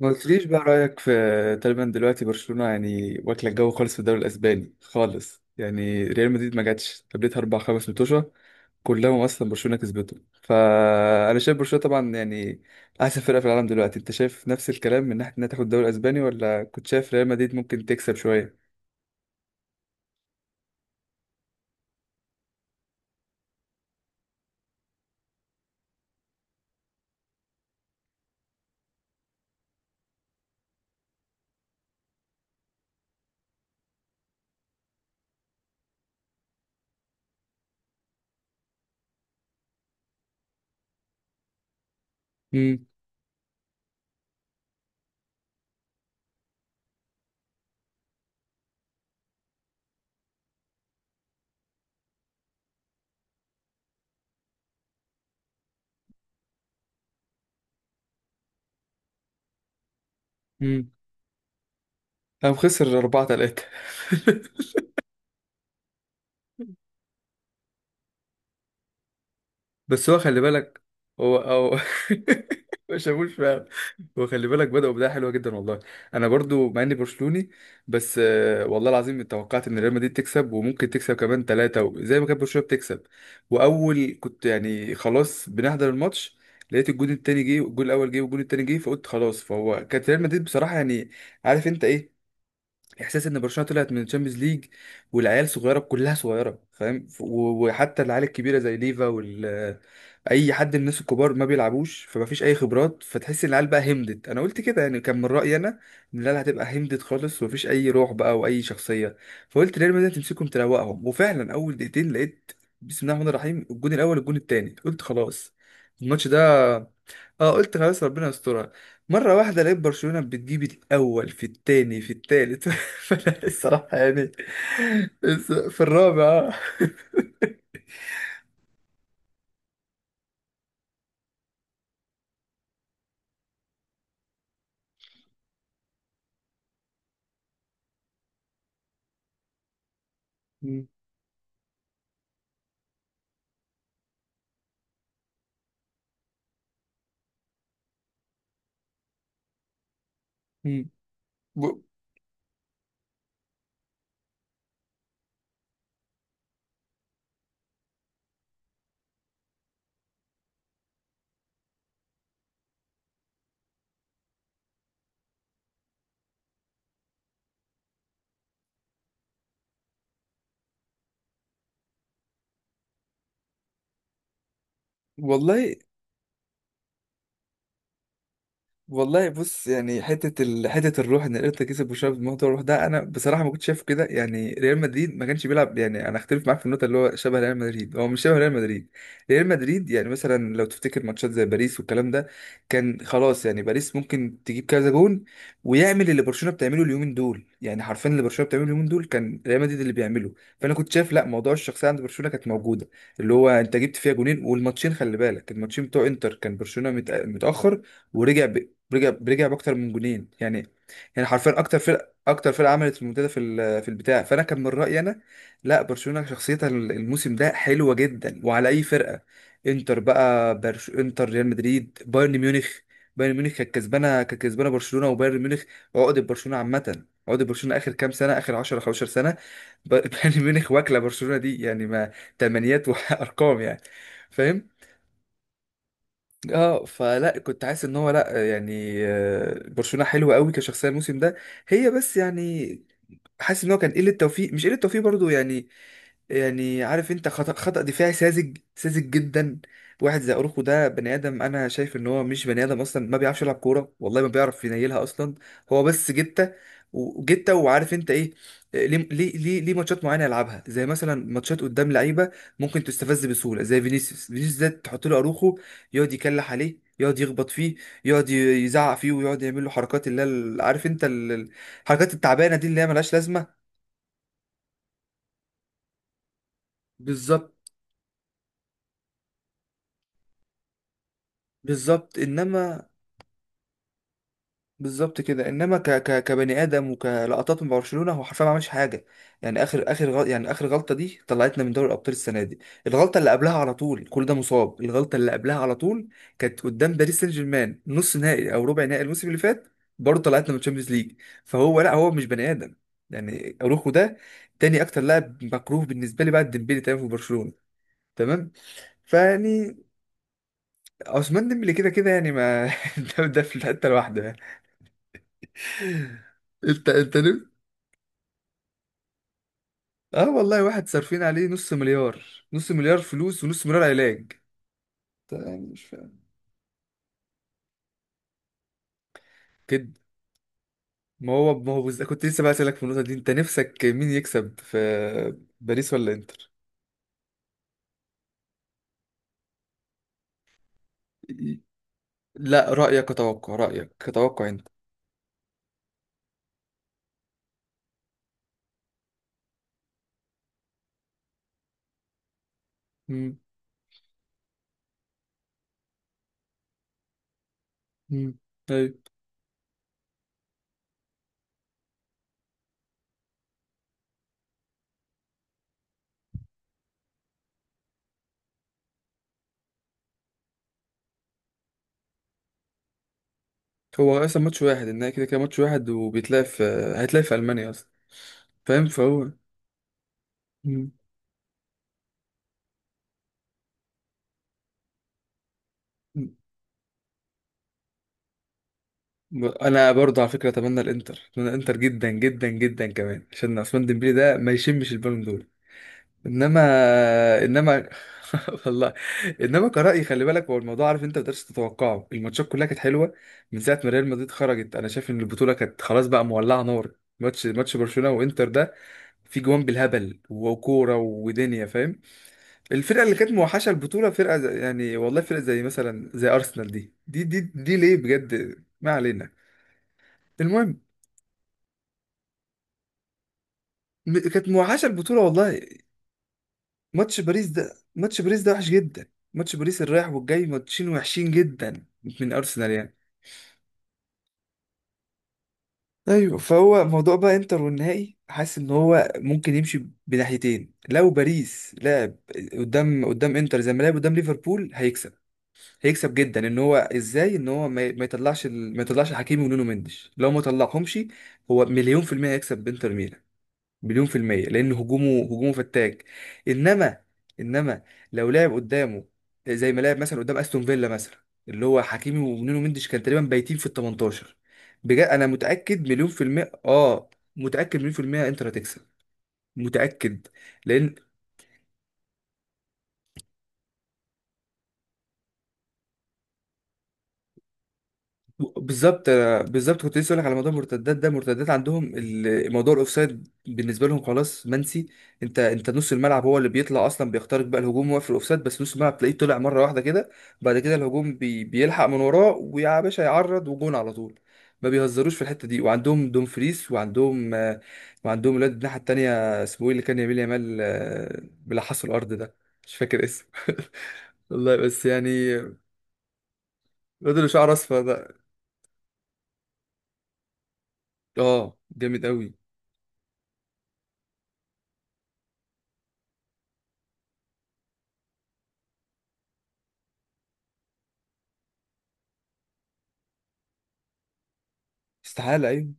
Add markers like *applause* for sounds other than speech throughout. ما قلتليش بقى رأيك في تقريبا دلوقتي برشلونة، يعني واكلة الجو خالص في الدوري الأسباني خالص، يعني ريال مدريد ما جاتش، قابلتها أربع خمس متوشة كلهم أصلا برشلونة كسبته. فأنا شايف برشلونة طبعا، يعني أحسن فرقة في العالم دلوقتي. أنت شايف نفس الكلام من ناحية إنها تاخد الدوري الأسباني، ولا كنت شايف ريال مدريد ممكن تكسب شوية؟ امم. امم. قام خسر أربعة تلاتة. بس هو خلي بالك، هو او *laughs* ما شافوش فعلا. هو خلي بالك، بدأوا بداية حلوة جدا والله. انا برضو مع اني برشلوني، بس آه، والله العظيم توقعت ان ريال مدريد تكسب، وممكن تكسب كمان ثلاثة زي ما كانت برشلونة بتكسب. واول كنت يعني خلاص بنحضر الماتش، لقيت الجون التاني جه، والجون الاول جه، والجون التاني جه، فقلت خلاص. فهو كانت ريال مدريد بصراحة يعني، عارف انت ايه احساس ان برشلونه طلعت من الشامبيونز ليج، والعيال صغيره، كلها صغيره، فاهم؟ وحتى العيال الكبيره زي ليفا وال، اي حد من الناس الكبار ما بيلعبوش، فمفيش اي خبرات، فتحس ان العيال بقى همدت. انا قلت كده يعني، كان من رايي انا ان العيال هتبقى همدت خالص، ومفيش اي روح بقى واي شخصيه. فقلت ريال مدريد تمسكهم تروقهم. وفعلا اول دقيقتين لقيت بسم الله الرحمن الرحيم، الجون الاول الجون التاني، قلت خلاص الماتش ده. اه، قلت خلاص ربنا يسترها. مرة واحدة لقيت برشلونة بتجيب الأول في التاني في التالت *laughs* فأنا الصراحة يعني في الرابع. آه. م- م. و- والله، والله بص، يعني حته الروح ان الانتر كسب وشاف بموضوع الروح ده، انا بصراحه ما كنتش شايفه كده. يعني ريال مدريد ما كانش بيلعب، يعني انا اختلف معاك في النقطه، اللي هو شبه ريال مدريد، هو مش شبه ريال مدريد. ريال مدريد يعني مثلا لو تفتكر ماتشات زي باريس والكلام ده، كان خلاص يعني باريس ممكن تجيب كذا جون، ويعمل اللي برشلونه بتعمله اليومين دول. يعني حرفيا اللي برشلونه بتعمله اليومين دول كان ريال مدريد اللي بيعمله. فانا كنت شايف لا، موضوع الشخصيه عند برشلونه كانت موجوده، اللي هو انت جبت فيها جونين، والماتشين خلي بالك، الماتشين بتوع انتر، كان برشلونه متاخر ورجع، برجع باكتر من جونين يعني. يعني حرفيا اكتر فرقه عملت المنتدى في في البتاع. فانا كان من رايي انا، لا برشلونه شخصيتها الموسم ده حلوه جدا، وعلى اي فرقه. انتر بقى، انتر، ريال مدريد، بايرن ميونخ. بايرن ميونخ كانت كسبانه، كانت كسبانه برشلونه. وبايرن ميونخ عقده برشلونه عامه، عقده برشلونه اخر كام سنه، اخر 10 15 سنه. *laughs* بايرن ميونخ واكله برشلونه دي، يعني ما، تمنيات وارقام *laughs* يعني. فاهم؟ اه، فلا كنت حاسس ان هو، لا يعني آه، برشلونة حلوة قوي كشخصية الموسم ده، هي بس يعني، حاسس ان هو كان قلة توفيق، مش قلة توفيق برضو يعني، يعني عارف انت، خطأ دفاعي ساذج جدا. واحد زي اروخو ده بني ادم، انا شايف ان هو مش بني ادم اصلا، ما بيعرفش يلعب كوره، والله ما بيعرف ينيلها اصلا. هو بس جته وجته. وعارف انت ايه، ليه ماتشات معينه يلعبها، زي مثلا ماتشات قدام لعيبه ممكن تستفز بسهوله زي فينيسيوس. فينيسيوس ده تحط له اروخو، يقعد يكلح عليه، يقعد يخبط فيه، يقعد يزعق فيه، ويقعد يعمل له حركات اللي هي عارف انت الحركات التعبانه دي، اللي هي ملهاش لازمه. بالظبط. بالظبط انما، بالظبط كده. انما ك ك كبني ادم وكلقطات من برشلونه، هو حرفيا ما عملش حاجه. يعني يعني اخر غلطه دي طلعتنا من دوري الابطال السنه دي. الغلطه اللي قبلها على طول كل ده مصاب، الغلطه اللي قبلها على طول كانت قدام باريس سان جيرمان، نص نهائي او ربع نهائي الموسم اللي فات، برضه طلعتنا من الشامبيونز ليج. فهو لا، هو مش بني ادم، يعني اروخو ده تاني اكتر لاعب مكروه بالنسبه لي بعد ديمبلي. تمام في برشلونه، تمام. فيعني عثمان ديمبلي كده كده يعني ما *laughs* ده في حته لوحده. انت انت نمت. اه والله، واحد صارفين عليه نص مليار، نص مليار فلوس ونص مليار علاج. انت يعني مش فاهم كده. ما هو ما هو بز... كنت لسه بقى اسالك في النقطه دي، انت نفسك مين يكسب في باريس ولا انتر؟ لا رايك اتوقع، رايك اتوقع انت. امم. امم. ايوه. هو اصلا ماتش واحد النهائي، كده كده ماتش واحد، وبيتلعب في، هيتلعب في المانيا اصلا. فاهم؟ فهو مم. انا برضه على فكره اتمنى الانتر، اتمنى الانتر جدا جدا جدا، كمان عشان عثمان ديمبلي ده ما يشمش البالون دول. انما، انما *laughs* والله. انما كرأي خلي بالك، هو الموضوع عارف انت ما تقدرش تتوقعه، الماتشات كلها كانت حلوه. من ساعه ما ريال مدريد خرجت، انا شايف ان البطوله كانت خلاص بقى مولعه نار. ماتش برشلونه وانتر ده، في جوان بالهبل وكوره ودنيا، فاهم؟ الفرقه اللي كانت موحشه البطوله، يعني والله فرقه زي مثلا زي ارسنال دي. دي ليه بجد، ما علينا، المهم. كانت موحشه البطوله والله. ماتش باريس ده ماتش باريس ده وحش جدا. ماتش باريس الرايح والجاي، ماتشين وحشين جدا من ارسنال يعني. ايوه، فهو موضوع بقى انتر والنهائي، حاسس ان هو ممكن يمشي بناحيتين. لو باريس لعب قدام انتر زي ما لعب قدام ليفربول، هيكسب، هيكسب جدا. ان هو ازاي ان هو ما يطلعش ما يطلعش حكيمي ونونو مندش، لو ما طلعهمش، هو مليون في المية هيكسب بانتر ميلان. مليون في المية، لأن هجومه، هجومه فتاك. إنما، إنما لو لعب قدامه زي ما لعب مثلا قدام أستون فيلا مثلا، اللي هو حكيمي ونونو مندش كان تقريبا بايتين في ال 18، بجد أنا متأكد مليون في المية آه. متأكد مليون في المية إنتر هتكسب، متأكد. لأن، بالظبط. بالظبط كنت لسه اقول لك على موضوع المرتدات ده، مرتدات عندهم موضوع الاوفسايد بالنسبه لهم خلاص منسي. انت انت نص الملعب هو اللي بيطلع اصلا، بيخترق بقى الهجوم واقف في الاوفسايد. بس نص الملعب تلاقيه طلع مره واحده كده، بعد كده الهجوم بيلحق من وراه ويا باشا، يعرض وجون على طول. ما بيهزروش في الحته دي. وعندهم دومفريس، وعندهم آه، وعندهم الواد الناحيه التانيه اسمه ايه، اللي كان يميل يامال آه، بيلحسوا الارض ده، مش فاكر اسمه *laughs* والله بس يعني الواد اللي شعره اصفر ده. اه جامد قوي. استحالة، أيوة.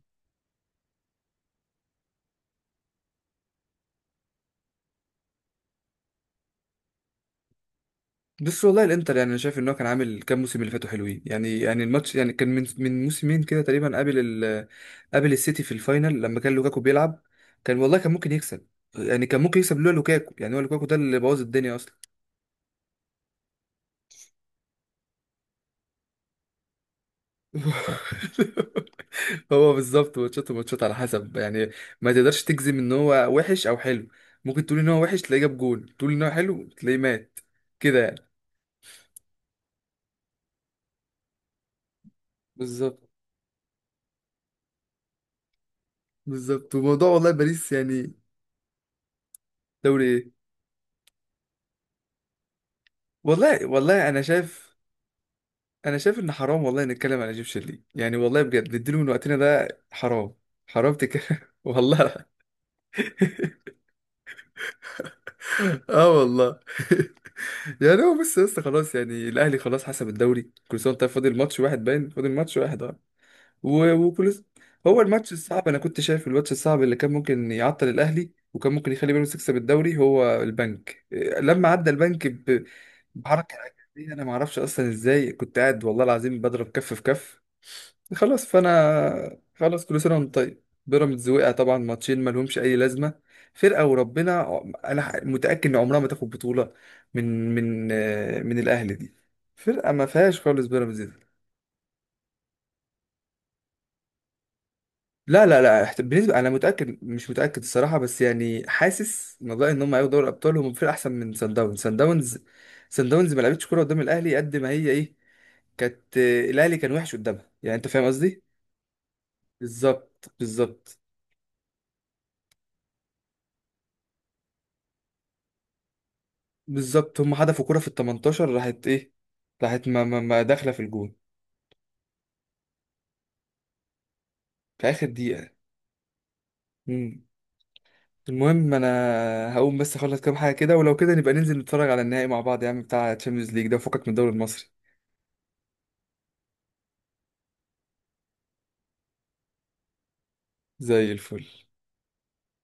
بس والله الإنتر، يعني أنا شايف إن هو كان عامل كام موسم اللي فاتوا حلوين يعني، يعني الماتش يعني كان من موسمين كده تقريبا، قابل ال، قابل السيتي في الفاينل لما كان لوكاكو بيلعب. كان والله كان ممكن يكسب، يعني كان ممكن يكسب لولا لوكاكو. يعني هو لوكاكو ده اللي بوظ الدنيا أصلا *laughs* هو بالظبط ماتشات وماتشات على حسب يعني، ما تقدرش تجزم إن هو وحش أو حلو. ممكن تقول إن هو وحش تلاقيه جاب جول، تقول إن هو حلو تلاقيه مات، كده يعني. بالظبط. بالظبط وموضوع، والله باريس يعني. دوري إيه؟ والله، والله انا شايف، انا شايف ان حرام والله نتكلم على ايجيبشن ليج، يعني والله بجد نديله من وقتنا ده حرام، حرام تتكلم *laughs* والله *laughs* اه والله *laughs* يعني هو بس يا اسطى، خلاص يعني الاهلي خلاص حسب الدوري، كل سنه وانت طيب، فاضل ماتش واحد، باين فاضل ماتش واحد اه. وفلوس. هو الماتش الصعب، انا كنت شايف الماتش الصعب اللي كان ممكن يعطل الاهلي، وكان ممكن يخلي بيراميدز يكسب الدوري، هو البنك إيه، لما عدى البنك بحركه عجيبه، انا ما اعرفش اصلا ازاي، كنت قاعد والله العظيم بضرب كف في كف. خلاص فانا خلاص كل سنه وانت طيب، بيراميدز وقع طبعا. ماتشين ما لهمش اي لازمه، فرقه وربنا انا متاكد ان عمرها ما تاخد بطوله من آه، من الاهلي دي، فرقه ما فيهاش خالص بيراميدز. لا لا لا احت- بالنسبة أنا متأكد، مش متأكد الصراحة، بس يعني حاسس موضوع إن هم هياخدوا دوري الأبطال، هم فرقة أحسن من سان داونز. سان داونز ما لعبتش كورة قدام الأهلي، قد ما هي إيه، كانت آه، الأهلي كان وحش قدامها، يعني أنت فاهم قصدي؟ بالظبط، بالظبط. بالظبط هم حدفوا كورة في ال 18، راحت إيه، راحت ما داخلة في الجون. في آخر دقيقة. مم. المهم أنا هقوم بس أخلص كام حاجة كده، ولو كده نبقى ننزل نتفرج على النهائي مع بعض يا عم، بتاع تشامبيونز ليج ده، وفكك من الدوري المصري. زي الفل.